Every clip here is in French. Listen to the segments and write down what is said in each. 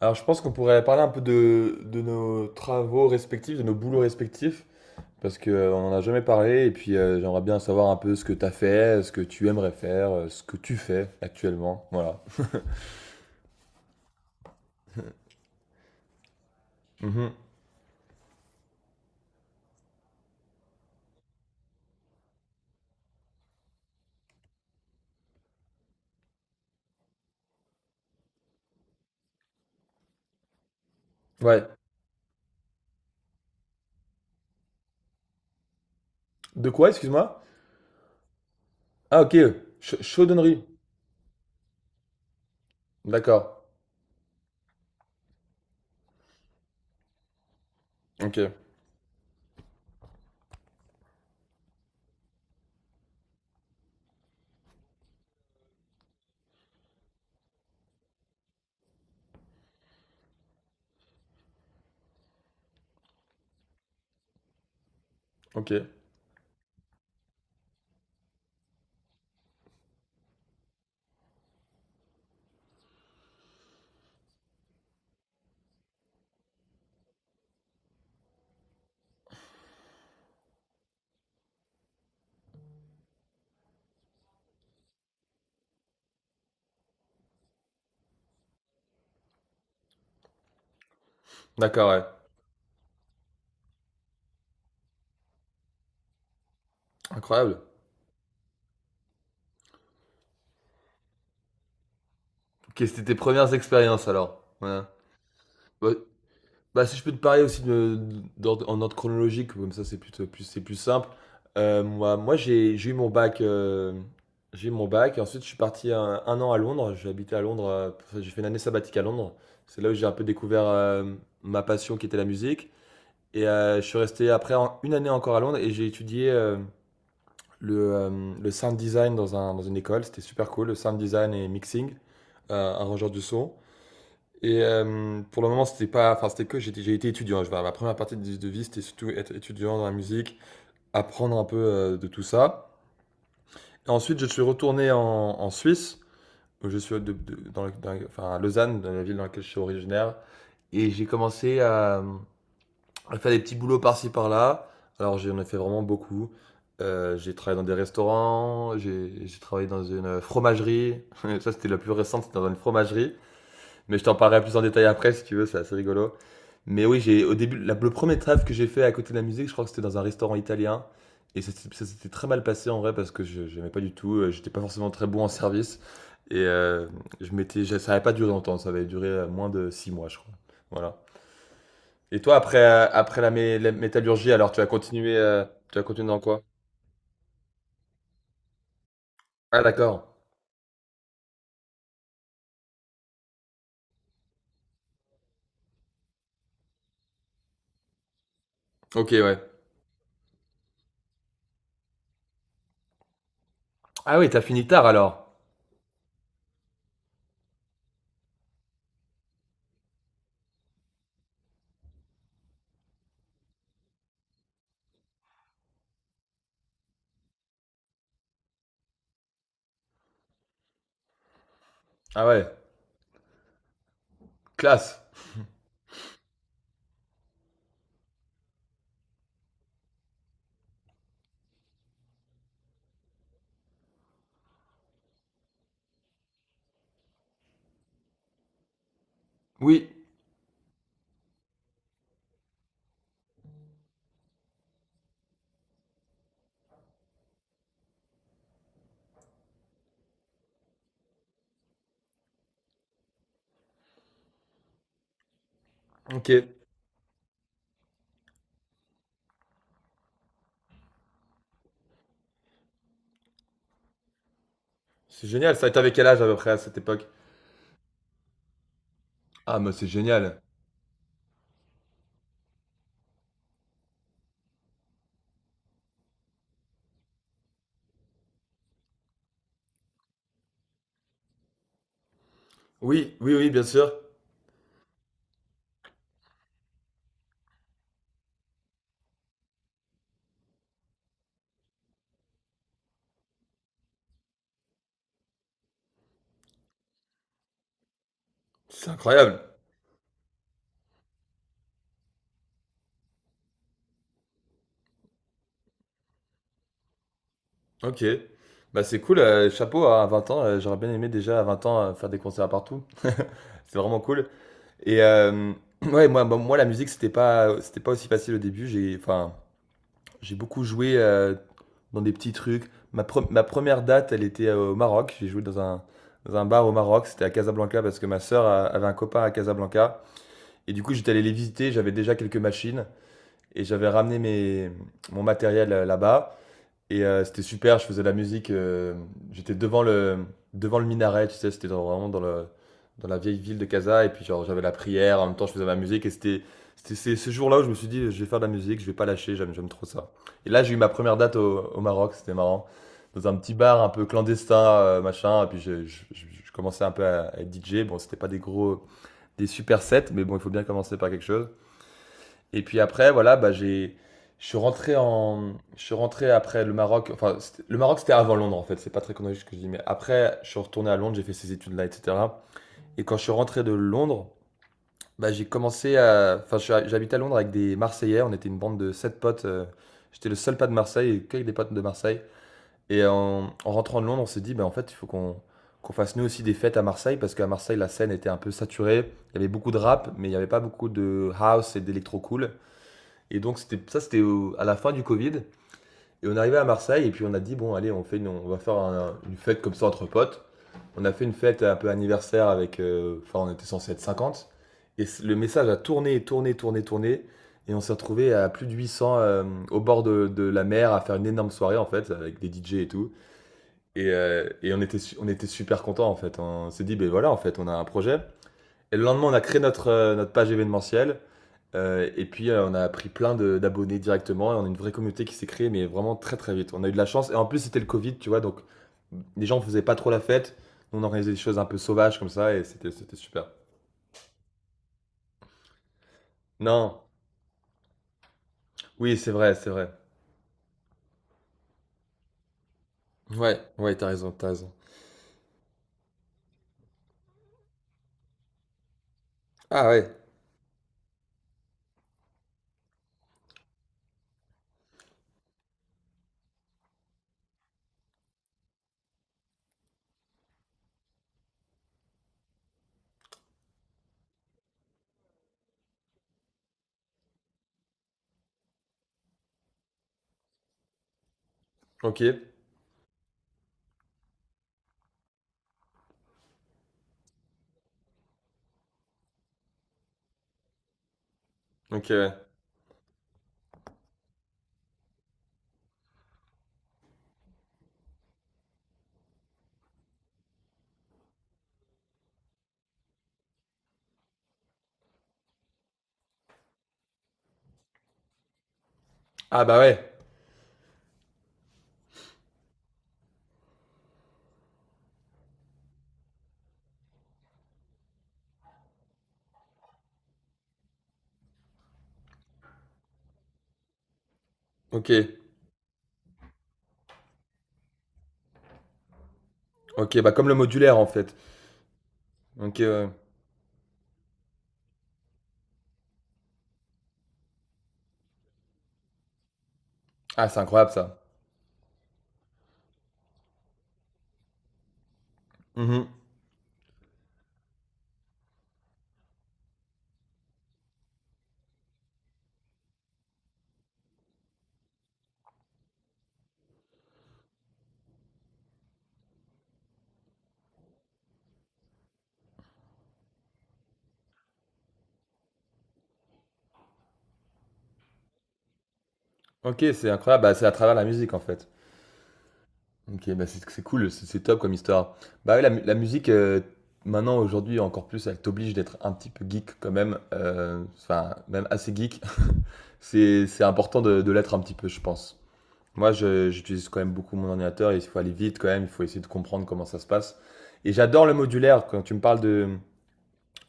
Alors, je pense qu'on pourrait parler un peu de nos travaux respectifs, de nos boulots respectifs, parce qu'on n'en a jamais parlé, et puis j'aimerais bien savoir un peu ce que tu as fait, ce que tu aimerais faire, ce que tu fais actuellement. Voilà. Mhm. Ouais. De quoi, excuse-moi? Ah, ok. Chaudonnerie. D'accord. Ok. Ok. D'accord, ouais. Incroyable. Ok, c'était tes premières expériences alors. Ouais. Ouais. Bah, si je peux te parler aussi de, en ordre chronologique, comme ça c'est c'est plus simple. Moi, j'ai eu mon bac, j'ai eu mon bac et ensuite je suis parti un an à Londres. J'ai habité à Londres, enfin, j'ai fait une année sabbatique à Londres. C'est là où j'ai un peu découvert ma passion qui était la musique. Et je suis resté après une année encore à Londres et j'ai étudié le sound design dans une école. C'était super cool, le sound design et mixing, arrangeur du son. Et pour le moment, c'était pas, enfin, c'était que j'ai été étudiant. Ma première partie de vie, c'était surtout être étudiant dans la musique, apprendre un peu de tout ça. Et ensuite, je suis retourné en Suisse, où je suis de- dans, le- dans- enfin, à Lausanne, dans la ville dans laquelle je suis originaire. Et j'ai commencé à faire des petits boulots par-ci par-là. Alors, j'en ai fait vraiment beaucoup. J'ai travaillé dans des restaurants, j'ai travaillé dans une fromagerie. Ça, c'était la plus récente, c'était dans une fromagerie. Mais je t'en parlerai plus en détail après si tu veux, c'est assez rigolo. Mais oui, j'ai au début, la- le premier trêve que j'ai fait à côté de la musique, je crois que c'était dans un restaurant italien. Et ça s'était très mal passé en vrai parce que je n'aimais pas du tout, j'étais pas forcément très bon en service. Et ça n'avait pas duré longtemps, ça avait duré moins de 6 mois, je crois. Voilà. Et toi, après, après la métallurgie, alors tu as continué dans quoi? Ah, d'accord. Ok, ouais. Ah oui, t'as fini tard alors. Ah ouais, classe. Oui, ok. C'est génial, ça. Et t'avais quel âge à peu près à cette époque? Ah, mais c'est génial. Oui, oui, oui, bien sûr. C'est incroyable. Ok. Bah c'est cool, chapeau à 20 ans. J'aurais bien aimé déjà à 20 ans faire des concerts partout. C'est vraiment cool. Et ouais, la musique, c'était pas aussi facile au début. J'ai beaucoup joué dans des petits trucs. Ma première date, elle était au Maroc. J'ai joué dans un bar au Maroc. C'était à Casablanca parce que ma sœur avait un copain à Casablanca. Et du coup, j'étais allé les visiter. J'avais déjà quelques machines. Et j'avais ramené mon matériel là-bas. Et c'était super, je faisais de la musique. J'étais devant le minaret, tu sais, vraiment dans la vieille ville de Casa. Et puis, genre, j'avais la prière, en même temps, je faisais ma musique. C'était ce jour-là où je me suis dit, je vais faire de la musique, je vais pas lâcher, j'aime trop ça. Et là, j'ai eu ma première date au Maroc, c'était marrant. Dans un petit bar un peu clandestin, machin. Et puis, je commençais un peu à être DJ. Bon, c'était pas des gros, des super sets, mais bon, il faut bien commencer par quelque chose. Et puis après, voilà, je suis rentré après le Maroc. Enfin, le Maroc, c'était avant Londres, en fait. C'est pas très chronologique ce que je dis, mais après, je suis retourné à Londres, j'ai fait ces études-là, etc. Et quand je suis rentré de Londres, bah, j'ai commencé à, enfin, je suis à- j'habitais à Londres avec des Marseillais. On était une bande de 7 potes. J'étais le seul pas de Marseille et que des potes de Marseille. Et en rentrant de Londres, on s'est dit, bah, en fait, il faut qu'on qu'on fasse nous aussi des fêtes à Marseille parce qu'à Marseille, la scène était un peu saturée. Il y avait beaucoup de rap, mais il n'y avait pas beaucoup de house et d'électro cool. Et donc c'était ça, à la fin du Covid. Et on arrivait à Marseille et puis on a dit bon allez, on fait une- on va faire un- une fête comme ça entre potes. On a fait une fête un peu anniversaire avec, on était censé être 50. Et le message a tourné, tourné, tourné, tourné. Et on s'est retrouvé à plus de 800 au bord de la mer à faire une énorme soirée en fait avec des DJ et tout. Et on était on était super contents en fait. On s'est dit ben voilà en fait on a un projet. Et le lendemain on a créé notre notre page événementielle. Et puis, on a pris plein de d'abonnés directement et on a une vraie communauté qui s'est créée, mais vraiment très, très vite. On a eu de la chance et en plus, c'était le covid, tu vois? Donc, mmh, les gens faisaient pas trop la fête. Nous, on organisait des choses un peu sauvages comme ça et c'était super. Non, oui, c'est vrai, c'est vrai. Ouais, ouais, t'as raison, t'as raison. Ah ouais, OK. OK, ouais. Ah bah ouais, OK. OK, bah comme le modulaire, en fait. OK, ouais. Ah, c'est incroyable ça. Mmh. OK, c'est incroyable, bah, c'est à travers la musique, en fait. OK, bah, c'est cool, c'est top comme histoire. Bah, ouais, la musique, maintenant, aujourd'hui, encore plus, elle t'oblige d'être un petit peu geek quand même, enfin, même assez geek. C'est important de l'être un petit peu, je pense. Moi, je j'utilise quand même beaucoup mon ordinateur et il faut aller vite quand même, il faut essayer de comprendre comment ça se passe et j'adore le modulaire. Quand tu me parles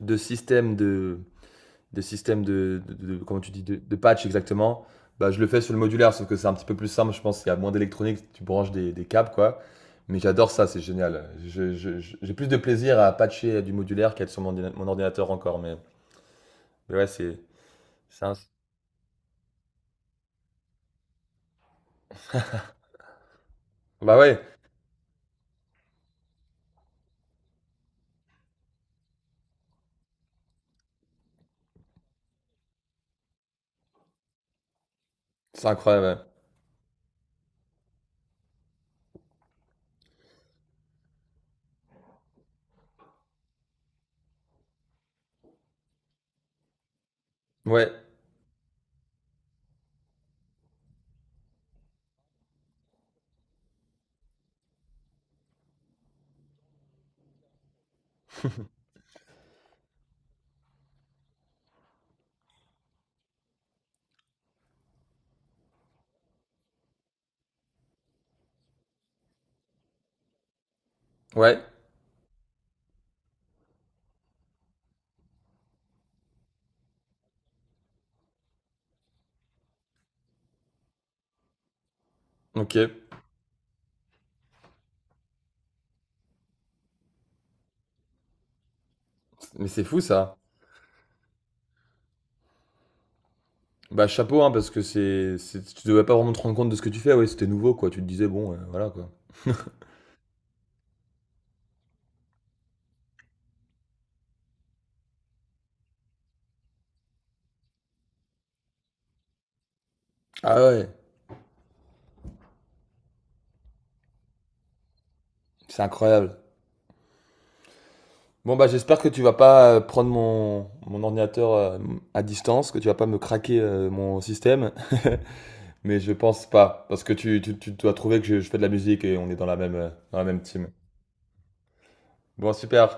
de système de des systèmes de- comment tu dis, de patch exactement, bah, je le fais sur le modulaire, sauf que c'est un petit peu plus simple, je pense qu'il y a moins d'électronique, tu branches des câbles, quoi. Mais j'adore ça, c'est génial. J'ai plus de plaisir à patcher du modulaire qu'à être sur mon ordinateur encore, mais ouais, c'est un- bah ouais, c'est incroyable. Ouais, ouais, ouais, OK. Mais c'est fou ça. Bah chapeau, hein, parce que tu devais pas vraiment te rendre compte de ce que tu fais, ouais, c'était nouveau, quoi. Tu te disais, bon, voilà, quoi. Ah ouais, c'est incroyable. Bon bah j'espère que tu vas pas prendre mon ordinateur à distance, que tu vas pas me craquer mon système, mais je pense pas, parce que tu dois trouver que je fais de la musique et on est dans la même team. Bon super,